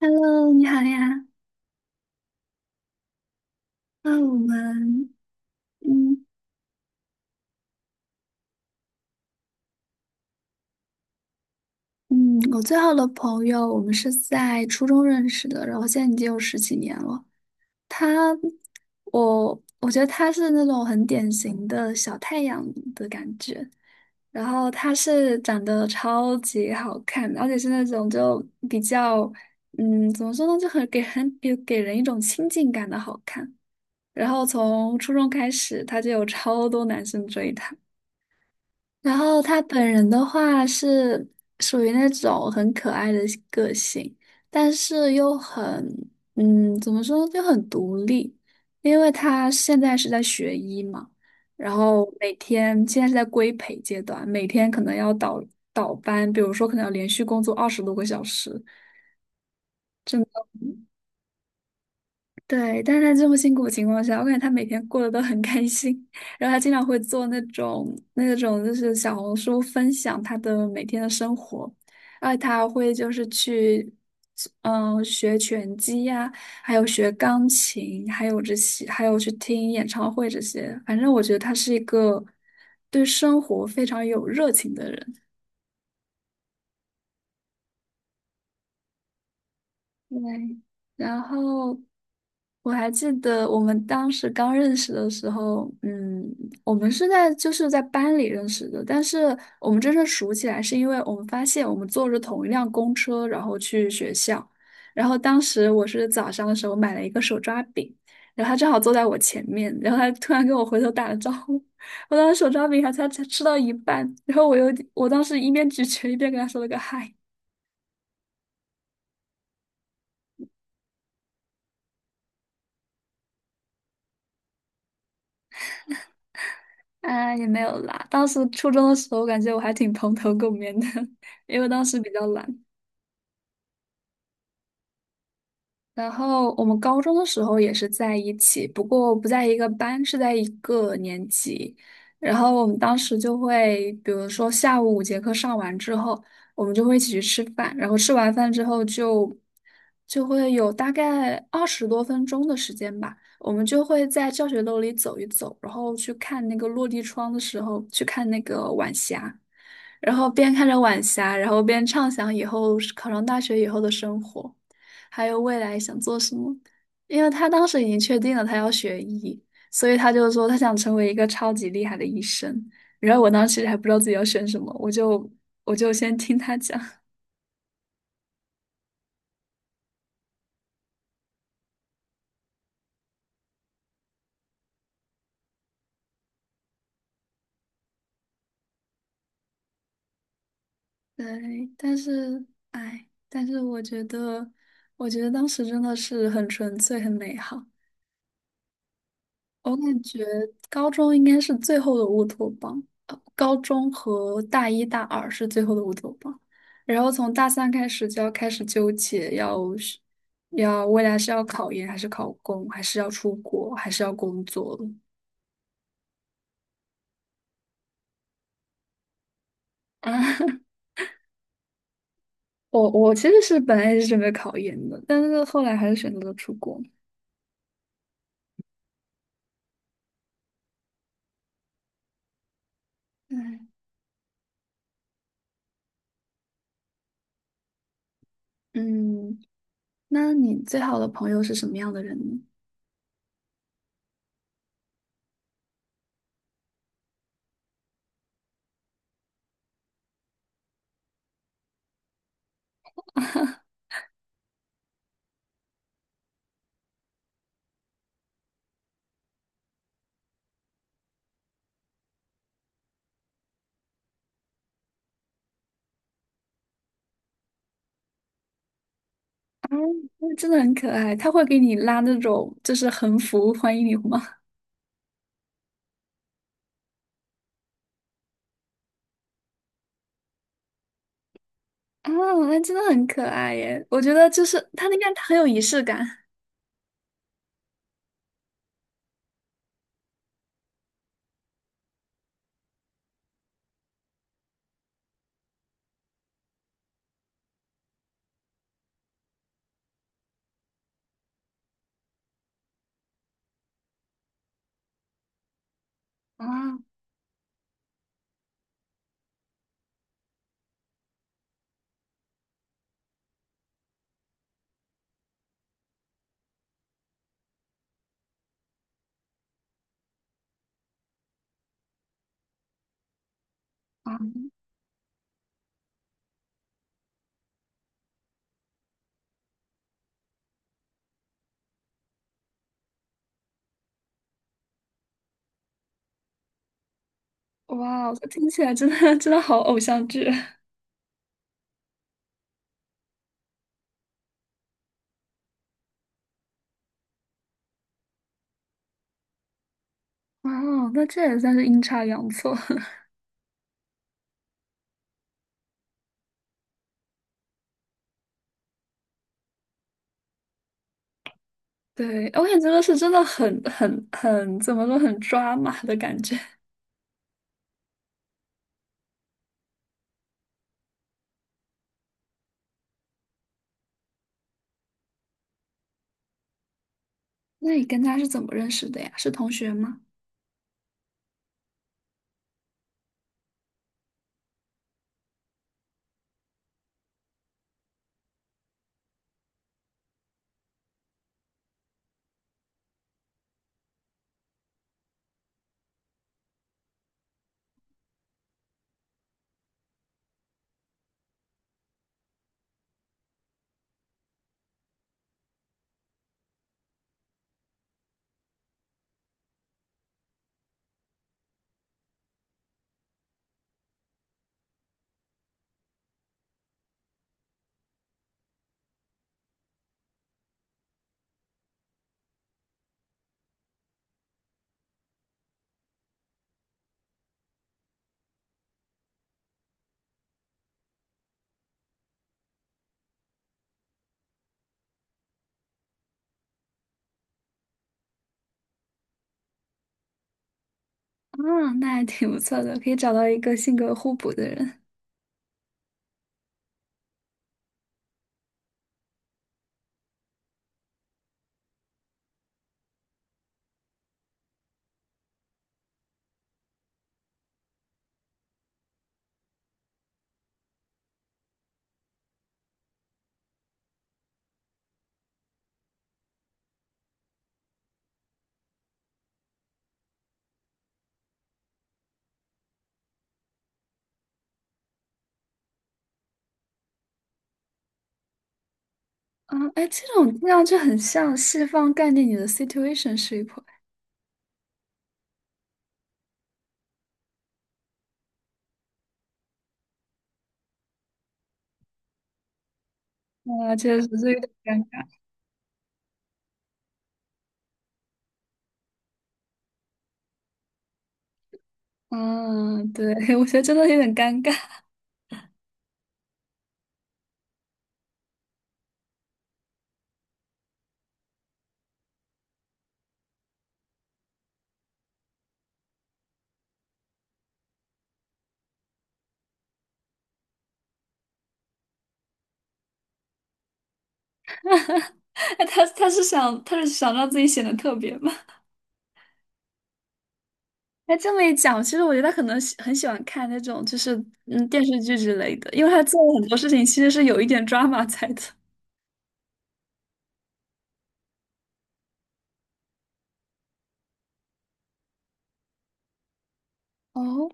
Hello，你好呀。那我们，嗯嗯，我最好的朋友，我们是在初中认识的，然后现在已经有十几年了。他，我觉得他是那种很典型的小太阳的感觉。然后他是长得超级好看，而且是那种就比较，怎么说呢，就很给很给给人一种亲近感的好看。然后从初中开始，他就有超多男生追他。然后他本人的话是属于那种很可爱的个性，但是又很，怎么说就很独立，因为他现在是在学医嘛，然后每天现在是在规培阶段，每天可能要倒班，比如说可能要连续工作20多个小时，对，但是他这么辛苦的情况下，我感觉他每天过得都很开心。然后他经常会做那种就是小红书分享他的每天的生活，而且他还会就是去学拳击呀、还有学钢琴，还有这些，还有去听演唱会这些。反正我觉得他是一个对生活非常有热情的人。对，然后我还记得我们当时刚认识的时候，我们是在就是在班里认识的，但是我们真正熟起来是因为我们发现我们坐着同一辆公车，然后去学校，然后当时我是早上的时候买了一个手抓饼，然后他正好坐在我前面，然后他突然跟我回头打了招呼，我当时手抓饼还才吃到一半，然后我当时一边咀嚼一边跟他说了个嗨。啊，也没有啦。当时初中的时候，感觉我还挺蓬头垢面的，因为当时比较懒。然后我们高中的时候也是在一起，不过不在一个班，是在一个年级。然后我们当时就会，比如说下午五节课上完之后，我们就会一起去吃饭。然后吃完饭之后就会有大概20多分钟的时间吧，我们就会在教学楼里走一走，然后去看那个落地窗的时候，去看那个晚霞，然后边看着晚霞，然后边畅想以后考上大学以后的生活。还有未来想做什么。因为他当时已经确定了他要学医，所以他就说他想成为一个超级厉害的医生。然后我当时其实还不知道自己要选什么，我就先听他讲。对，但是我觉得当时真的是很纯粹、很美好。我感觉高中应该是最后的乌托邦，高中和大一大二是最后的乌托邦，然后从大三开始就要开始纠结，要未来是要考研还是考公，还是要出国，还是要工作了。啊，我其实是本来也是准备考研的，但是后来还是选择了出国。嗯嗯，那你最好的朋友是什么样的人呢？啊，那真的很可爱，他会给你拉那种就是横幅欢迎你吗？啊，那真的很可爱耶。我觉得就是他那个很有仪式感啊啊。哇，听起来真的真的好偶像剧哇。那这也算是阴差阳错。对，我感觉这个是真的很怎么说很抓马的感觉。那你跟他是怎么认识的呀？是同学吗？啊，那还挺不错的，可以找到一个性格互补的人。啊，哎，这种听上去很像西方概念里的 situation ship。啊，确实是有点尴嗯，对，我觉得真的有点尴尬。哎他是想让自己显得特别吗？哎，这么一讲，其实我觉得他可能很喜欢看那种就是电视剧之类的，因为他做了很多事情其实是有一点 drama 在的。哦，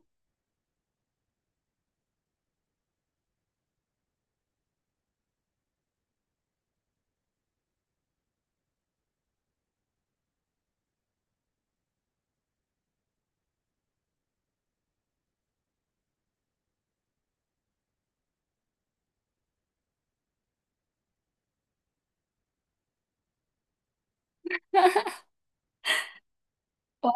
哇，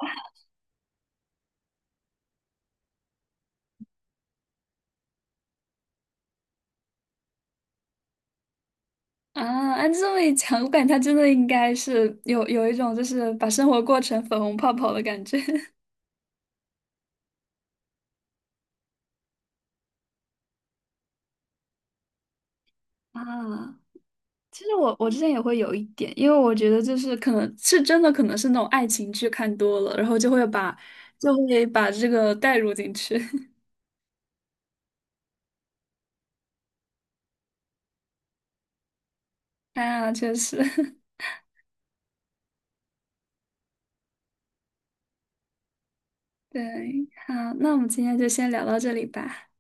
啊，按这么一讲，我感觉他真的应该是有一种就是把生活过成粉红泡泡的感觉。 啊。其实我之前也会有一点，因为我觉得就是可能是真的，可能是那种爱情剧看多了，然后就会把这个带入进去。啊，确实，对，好，那我们今天就先聊到这里吧。